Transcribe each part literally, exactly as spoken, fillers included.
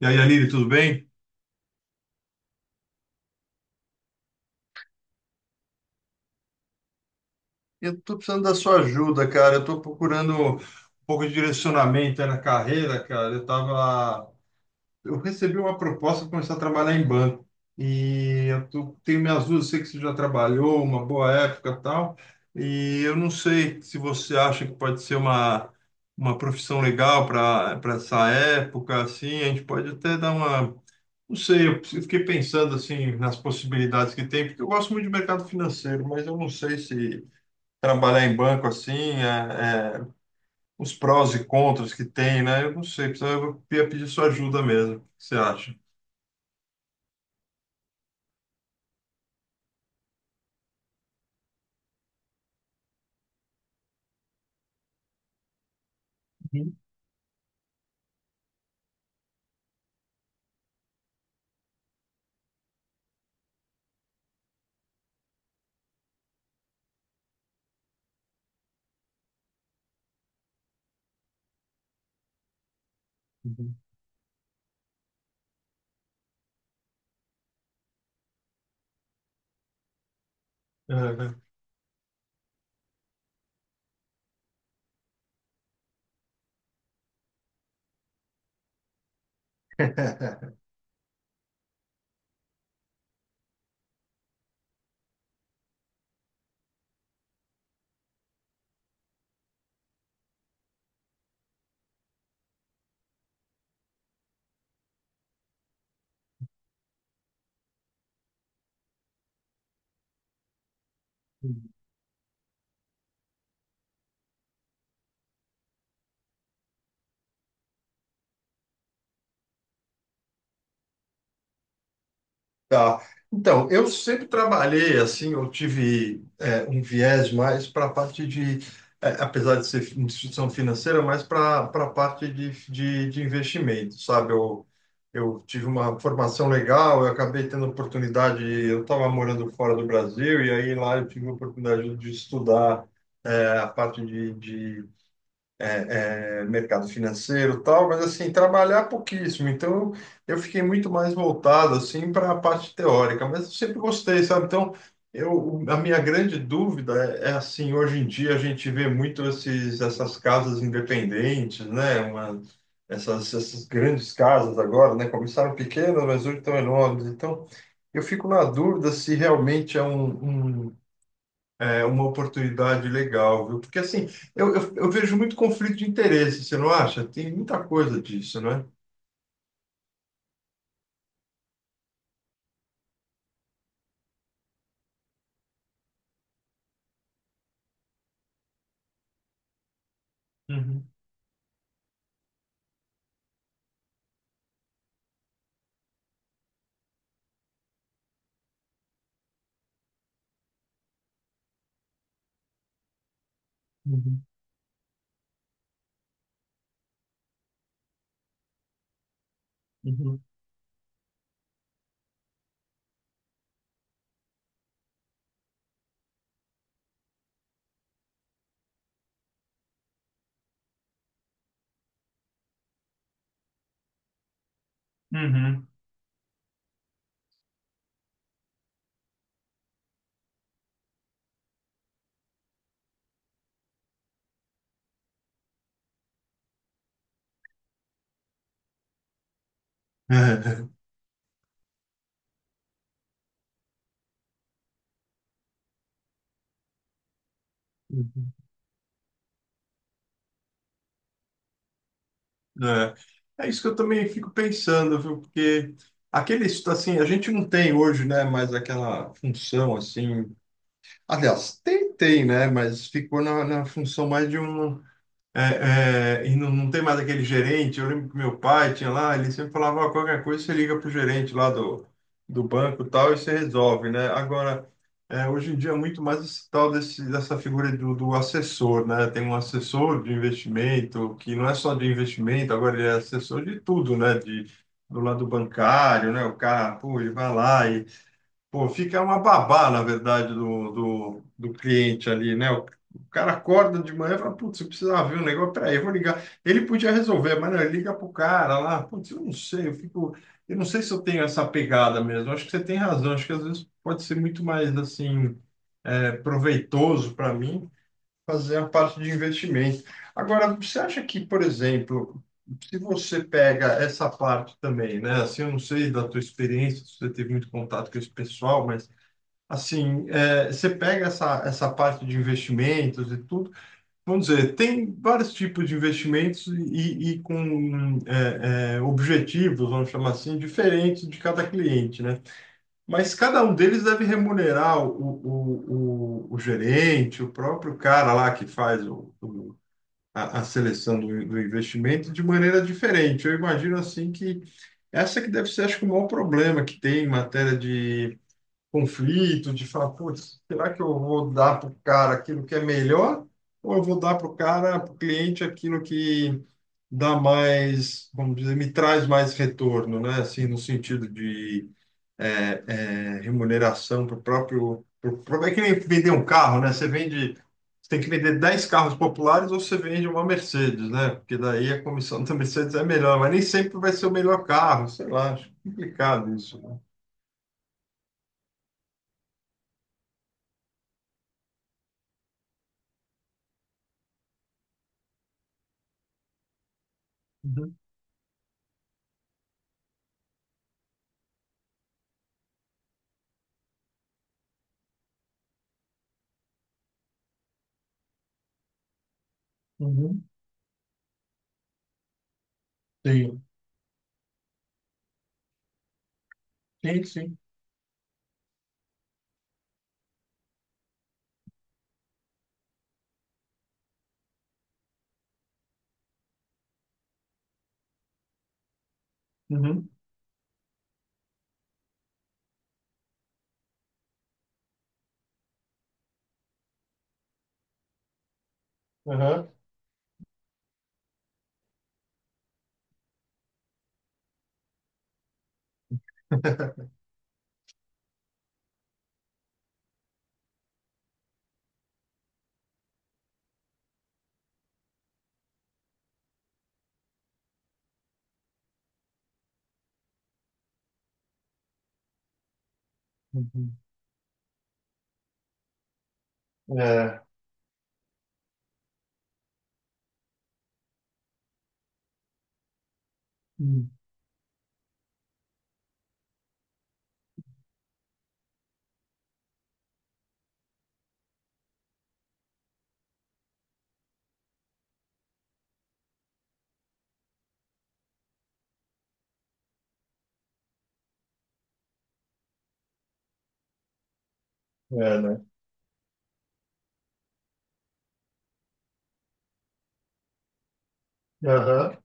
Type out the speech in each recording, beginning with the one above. E aí, Aline, tudo bem? Eu estou precisando da sua ajuda, cara. Eu estou procurando um pouco de direcionamento aí na carreira, cara. Eu tava, eu recebi uma proposta para começar a trabalhar em banco e eu tô- tenho minhas dúvidas. Sei que você já trabalhou uma boa época, e tal. E eu não sei se você acha que pode ser uma uma profissão legal para para essa época, assim. A gente pode até dar uma... Não sei, eu fiquei pensando assim nas possibilidades que tem, porque eu gosto muito de mercado financeiro, mas eu não sei se trabalhar em banco assim, é, é, os prós e contras que tem, né? Eu não sei, precisava- eu ia pedir sua ajuda mesmo. O que você acha? Uhum, uhum. É, né? Tá. Então, eu sempre trabalhei assim, eu tive é, um viés mais para a parte de, é, apesar de ser instituição financeira, mais para para a parte de, de, de investimento, sabe? Eu, eu tive uma formação legal, eu acabei tendo oportunidade, eu estava morando fora do Brasil, e aí lá eu tive a oportunidade de estudar é, a parte de, é, mercado financeiro e tal, mas assim, trabalhar é pouquíssimo. Então, eu fiquei muito mais voltado assim para a parte teórica, mas eu sempre gostei, sabe? Então, eu, a minha grande dúvida é, é, assim, hoje em dia a gente vê muito esses, essas casas independentes, né? Uma, essas, essas grandes casas agora, né? Começaram pequenas, mas hoje estão enormes. Então, eu fico na dúvida se realmente é um um- é uma oportunidade legal, viu? Porque assim, eu, eu, eu vejo muito conflito de interesse, você não acha? Tem muita coisa disso, né? Uhum, uhum, uhum, uhum, uhum. É, é isso que eu também fico pensando, viu? Porque aquele, assim, a gente não tem hoje, né, mais aquela função, assim... Aliás, tem, tem, né? Mas ficou na, na função mais de um... É, é, e não, não tem mais aquele gerente. Eu lembro que meu pai tinha lá, ele sempre falava, "Ó, qualquer coisa você liga pro gerente lá do, do banco e tal e você resolve, né?" Agora, é, hoje em dia é muito mais esse tal desse, dessa figura do, do assessor, né? Tem um assessor de investimento, que não é só de investimento, agora ele é assessor de tudo, né? De, do lado bancário, né? O cara, pô, ele vai lá e... Pô, fica uma babá, na verdade, do, do, do cliente ali, né? O, o cara acorda de manhã e fala, putz, eu precisava ver um negócio, peraí, eu vou ligar. Ele podia resolver, mas não, ele liga pro cara lá, putz, eu não sei, eu fico, eu não sei se eu tenho essa pegada mesmo. Acho que você tem razão, acho que às vezes pode ser muito mais, assim, é, proveitoso para mim fazer a parte de investimento. Agora, você acha que, por exemplo, se você pega essa parte também, né? Assim, eu não sei da tua experiência, se você teve muito contato com esse pessoal, mas... Assim, é, você pega essa, essa parte de investimentos e tudo, vamos dizer, tem vários tipos de investimentos e, e com é, é, objetivos, vamos chamar assim, diferentes de cada cliente, né? Mas cada um deles deve remunerar o, o, o, o gerente, o próprio cara lá que faz o, o- a, a seleção do, do investimento de maneira diferente. Eu imagino assim que essa que deve ser, acho que, o maior problema que tem em matéria de conflito, de falar, putz, será que eu vou dar para o cara aquilo que é melhor? Ou eu vou dar para o cara, para o cliente, aquilo que dá mais, vamos dizer, me traz mais retorno, né? Assim, no sentido de é, é, remuneração para o próprio. pro- pro- É que nem vender um carro, né? Você vende. Você tem que vender dez carros populares ou você vende uma Mercedes, né? Porque daí a comissão da Mercedes é melhor, mas nem sempre vai ser o melhor carro, sei lá, acho complicado isso, né? Uhum, uhum. Sim. Sim, sim. Uhum. Aham. Uhum. É. Uhum. É, né? Aham.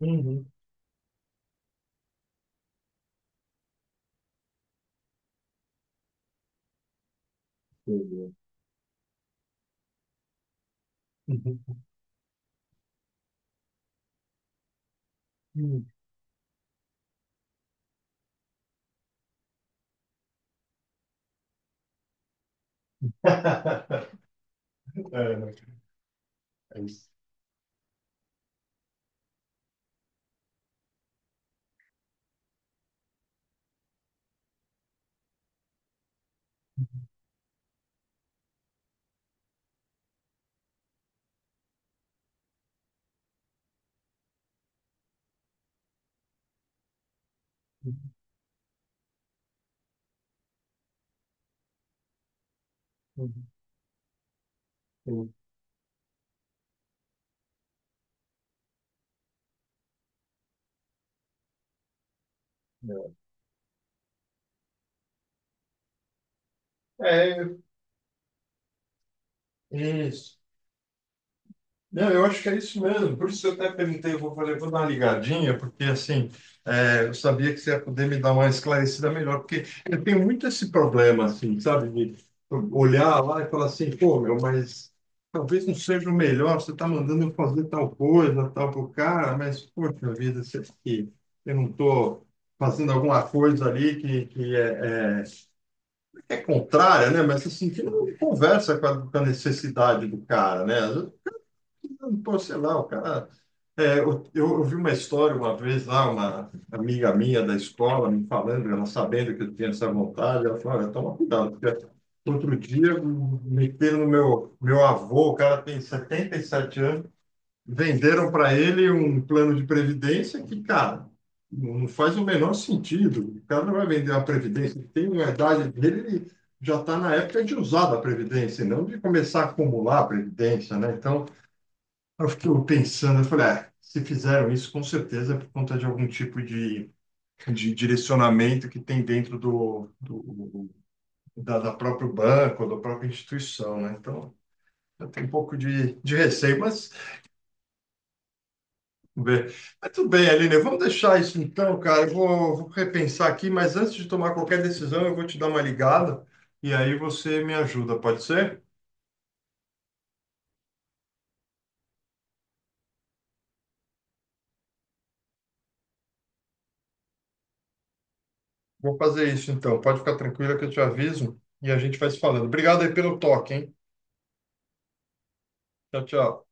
Uhum. Entendeu? Uhum. Uhum. É, né? É isso. Uhum. Uhum. Uhum. É. É, isso. Não, eu acho que é isso mesmo. Por isso eu até perguntei, eu vou, falei, vou dar uma ligadinha, porque assim, é, eu sabia que você ia poder me dar uma esclarecida melhor, porque eu tenho muito esse problema, assim, sabe, de olhar lá e falar assim, pô, meu, mas talvez não seja o melhor, você está mandando eu fazer tal coisa, tal pro cara, mas, poxa vida, será que eu não estou fazendo alguma coisa ali que, que é, é é contrária, né? Mas assim, que não conversa com a, com a necessidade do cara, né? Às vezes, pô, sei lá, o cara é, eu, eu ouvi uma história uma vez lá, uma amiga minha da escola me falando, ela sabendo que eu tinha essa vontade, ela falou, olha, toma cuidado, porque outro dia meteram no meu, meu avô, o cara tem setenta e sete anos, venderam para ele um plano de previdência que, cara, não faz o menor sentido. O cara não vai vender uma previdência, ele tem uma idade dele, ele já está na época de usar da previdência, e não de começar a acumular a previdência, né? Então, eu fiquei pensando, eu falei, ah, se fizeram isso, com certeza é por conta de algum tipo de, de direcionamento que tem dentro do, do da, da próprio banco, da própria instituição, né? Então, eu tenho um pouco de, de receio, mas vamos ver. Mas tudo bem, Aline, vamos deixar isso então, cara. Eu vou, vou repensar aqui, mas antes de tomar qualquer decisão, eu vou te dar uma ligada e aí você me ajuda, pode ser? Vou fazer isso então. Pode ficar tranquila que eu te aviso e a gente vai se falando. Obrigado aí pelo toque, hein? Tchau, tchau.